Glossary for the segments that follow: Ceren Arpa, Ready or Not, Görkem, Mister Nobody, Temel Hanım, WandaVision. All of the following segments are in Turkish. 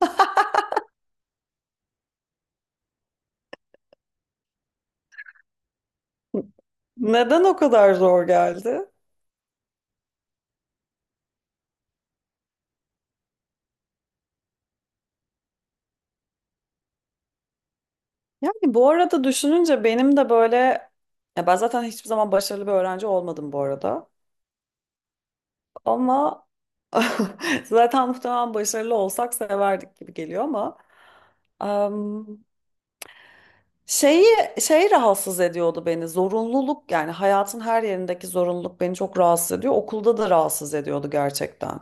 Neden o kadar zor geldi? Yani bu arada düşününce benim de böyle ya ben zaten hiçbir zaman başarılı bir öğrenci olmadım bu arada. Ama zaten muhtemelen başarılı olsak severdik gibi geliyor ama em, şeyi şey rahatsız ediyordu beni. Zorunluluk yani hayatın her yerindeki zorunluluk beni çok rahatsız ediyor. Okulda da rahatsız ediyordu gerçekten.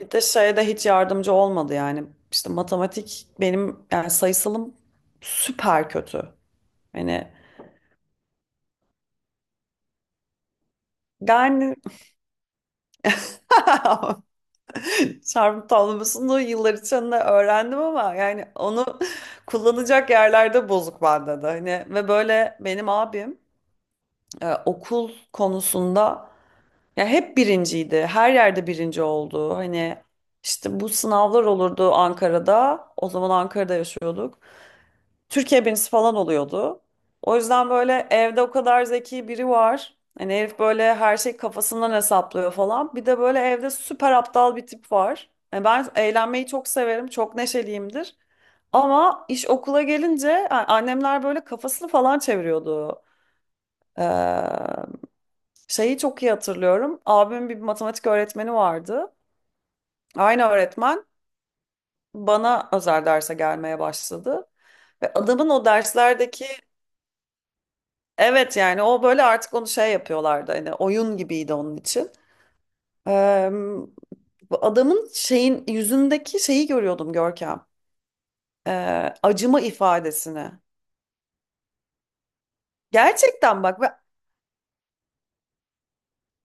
Bir de şeye de hiç yardımcı olmadı yani. İşte matematik benim yani sayısalım süper kötü. Hani yani çarpım tablosunu yıllar içinde öğrendim ama yani onu kullanacak yerlerde bozuk bende de. Hani ve böyle benim abim okul konusunda ya hep birinciydi. Her yerde birinci oldu. Hani işte bu sınavlar olurdu Ankara'da. O zaman Ankara'da yaşıyorduk. Türkiye birincisi falan oluyordu. O yüzden böyle evde o kadar zeki biri var. Hani herif böyle her şey kafasından hesaplıyor falan. Bir de böyle evde süper aptal bir tip var. Yani ben eğlenmeyi çok severim, çok neşeliyimdir. Ama iş okula gelince yani annemler böyle kafasını falan çeviriyordu. Ee, şeyi çok iyi hatırlıyorum. Abimin bir matematik öğretmeni vardı. Aynı öğretmen bana özel derse gelmeye başladı. Ve adamın o derslerdeki Evet yani o böyle artık onu şey yapıyorlardı hani oyun gibiydi onun için. Eee, bu adamın şeyin yüzündeki şeyi görüyordum Görkem. Acıma ifadesini. Gerçekten bak ve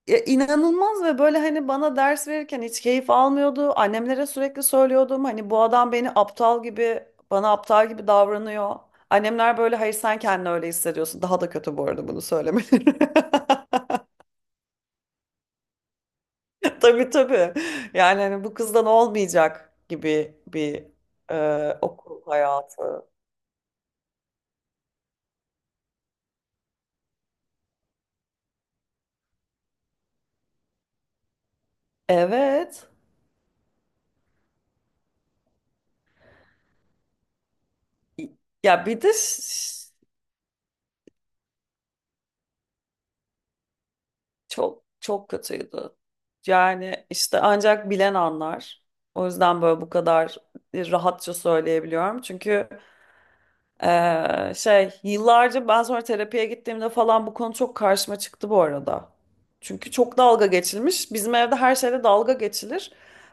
inanılmaz ve böyle hani bana ders verirken hiç keyif almıyordu. Annemlere sürekli söylüyordum hani bu adam beni aptal gibi bana aptal gibi davranıyor. Annemler böyle hayır sen kendini öyle hissediyorsun. Daha da kötü bu arada bunu söylemeleri. Tabii tabii. Yani hani bu kızdan olmayacak gibi bir okul hayatı. Evet. Ya bir de çok çok kötüydü. Yani işte ancak bilen anlar. O yüzden böyle bu kadar rahatça söyleyebiliyorum. Çünkü şey yıllarca ben sonra terapiye gittiğimde falan bu konu çok karşıma çıktı bu arada. Çünkü çok dalga geçilmiş. Bizim evde her şeyde dalga geçilir.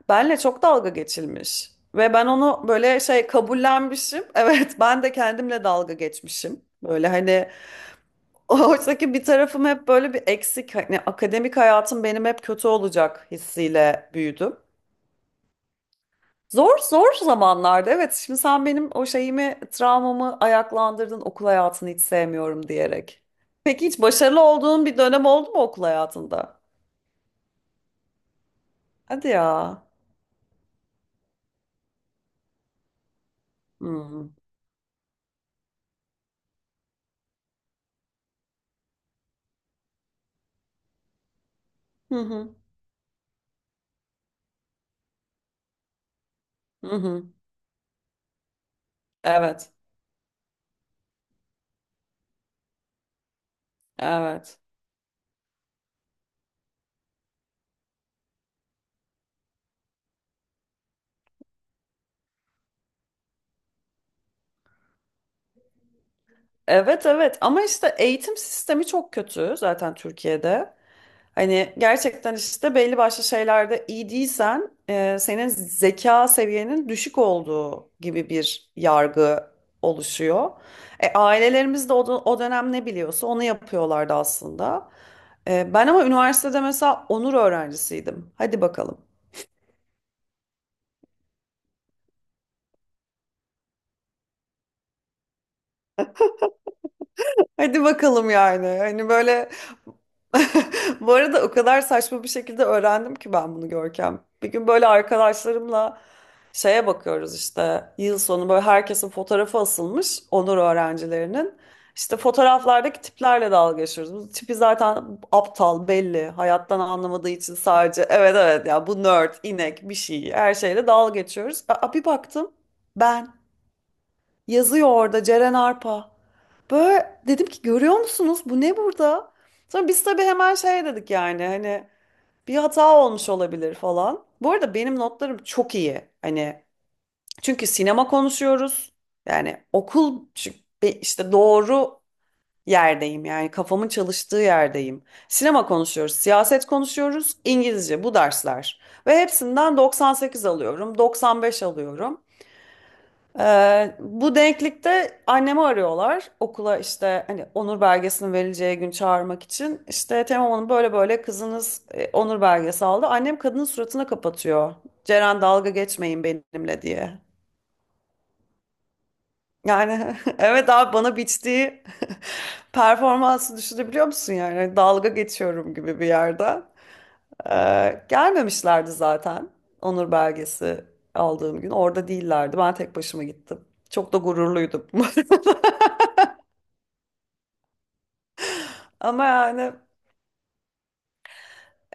Benle çok dalga geçilmiş. Ve ben onu böyle şey kabullenmişim. Evet ben de kendimle dalga geçmişim. Böyle hani oradaki bir tarafım hep böyle bir eksik. Hani akademik hayatım benim hep kötü olacak hissiyle büyüdüm. Zor zor zamanlarda evet şimdi sen benim o şeyimi travmamı ayaklandırdın okul hayatını hiç sevmiyorum diyerek. Peki hiç başarılı olduğun bir dönem oldu mu okul hayatında? Hadi ya. Hmm. Hı hı. Hı hı. Evet. Evet. Evet evet ama işte eğitim sistemi çok kötü zaten Türkiye'de. Hani gerçekten işte belli başlı şeylerde iyi değilsen senin zeka seviyenin düşük olduğu gibi bir yargı oluşuyor. Ailelerimiz de o dönem ne biliyorsa onu yapıyorlardı aslında. Ben ama üniversitede mesela onur öğrencisiydim. Hadi bakalım. Hadi bakalım yani. Hani böyle bu arada o kadar saçma bir şekilde öğrendim ki ben bunu Görkem. Bir gün böyle arkadaşlarımla şeye bakıyoruz işte yıl sonu böyle herkesin fotoğrafı asılmış onur öğrencilerinin. İşte fotoğraflardaki tiplerle dalga geçiyoruz. Bu tipi zaten aptal belli. Hayattan anlamadığı için sadece evet evet ya bu nerd, inek bir şey her şeyle dalga geçiyoruz. Aa, bir baktım ben. Yazıyor orada Ceren Arpa. Böyle dedim ki görüyor musunuz bu ne burada? Sonra biz tabii hemen şey dedik yani hani bir hata olmuş olabilir falan. Bu arada benim notlarım çok iyi. Hani çünkü sinema konuşuyoruz. Yani okul çünkü işte doğru yerdeyim yani kafamın çalıştığı yerdeyim. Sinema konuşuyoruz, siyaset konuşuyoruz, İngilizce bu dersler. Ve hepsinden 98 alıyorum, 95 alıyorum. Bu denklikte annemi arıyorlar okula işte hani onur belgesinin verileceği gün çağırmak için. İşte Temel Hanım böyle böyle kızınız onur belgesi aldı. Annem kadının suratına kapatıyor. Ceren dalga geçmeyin benimle diye. Yani evet abi bana biçtiği performansı düşünebiliyor musun yani? Hani Dalga geçiyorum gibi bir yerde. Gelmemişlerdi zaten onur belgesi aldığım gün. Orada değillerdi. Ben tek başıma gittim. Çok da gururluydum. Ama yani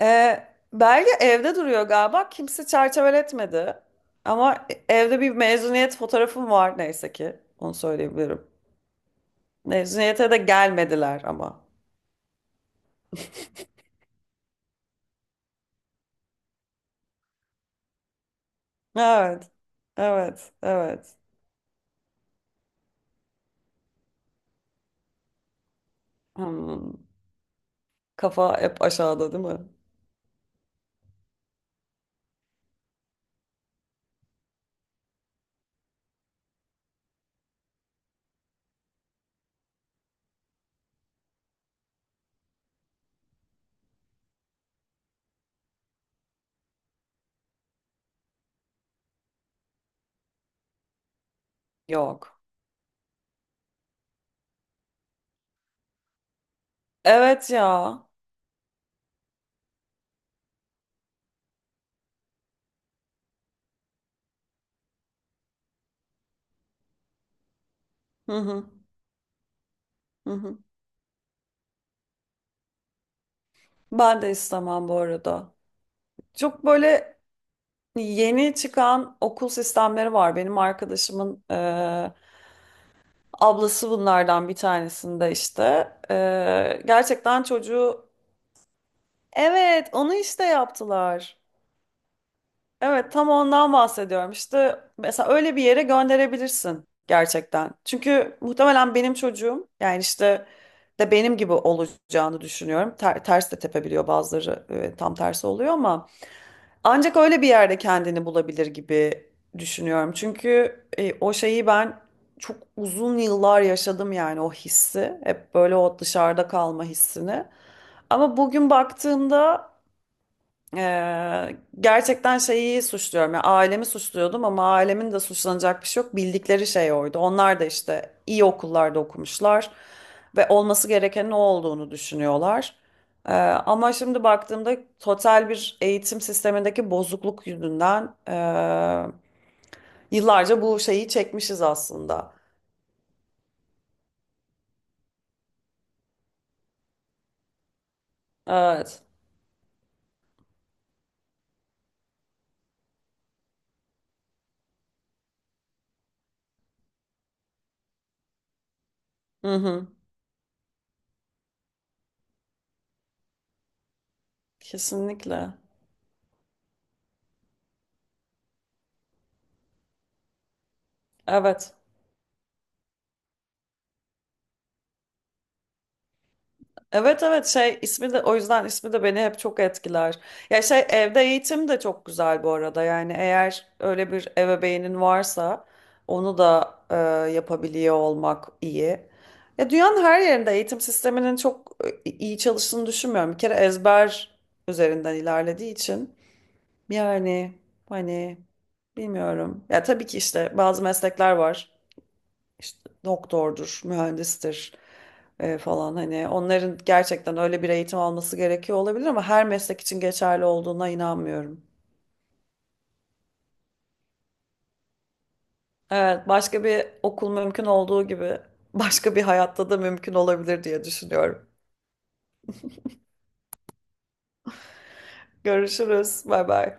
e, belge evde duruyor galiba. Kimse çerçeveletmedi. Ama evde bir mezuniyet fotoğrafım var neyse ki. Onu söyleyebilirim. Mezuniyete de gelmediler ama. Evet. Evet. Evet. Hmm. Kafa hep aşağıda değil mi? Yok. Evet ya. Hı hı. Hı hı. Ben de istemem bu arada. Çok böyle yeni çıkan okul sistemleri var. Benim arkadaşımın Ablası bunlardan bir tanesinde işte. Gerçekten çocuğu evet onu işte yaptılar. Evet tam ondan bahsediyorum. İşte mesela öyle bir yere gönderebilirsin gerçekten. Çünkü muhtemelen benim çocuğum yani işte de benim gibi olacağını düşünüyorum. Ters de tepebiliyor bazıları tam tersi oluyor ama. Ancak öyle bir yerde kendini bulabilir gibi düşünüyorum. Çünkü o şeyi ben çok uzun yıllar yaşadım yani o hissi. Hep böyle o dışarıda kalma hissini. Ama bugün baktığımda gerçekten şeyi suçluyorum. Yani ailemi suçluyordum ama ailemin de suçlanacak bir şey yok. Bildikleri şey oydu. Onlar da işte iyi okullarda okumuşlar ve olması gereken ne olduğunu düşünüyorlar. Eee, ama şimdi baktığımda total bir eğitim sistemindeki bozukluk yüzünden yıllarca bu şeyi çekmişiz aslında. Evet. Hı hı. Kesinlikle. Evet. Evet evet şey ismi de o yüzden ismi de beni hep çok etkiler. Ya şey evde eğitim de çok güzel bu arada. Yani eğer öyle bir ebeveynin varsa onu da yapabiliyor olmak iyi. Ya dünyanın her yerinde eğitim sisteminin çok iyi çalıştığını düşünmüyorum. Bir kere ezber üzerinden ilerlediği için yani hani bilmiyorum. Ya tabii ki işte bazı meslekler var işte doktordur, mühendistir falan hani onların gerçekten öyle bir eğitim alması gerekiyor olabilir ama her meslek için geçerli olduğuna inanmıyorum. Evet, başka bir okul mümkün olduğu gibi başka bir hayatta da mümkün olabilir diye düşünüyorum. Görüşürüz. Bay bay.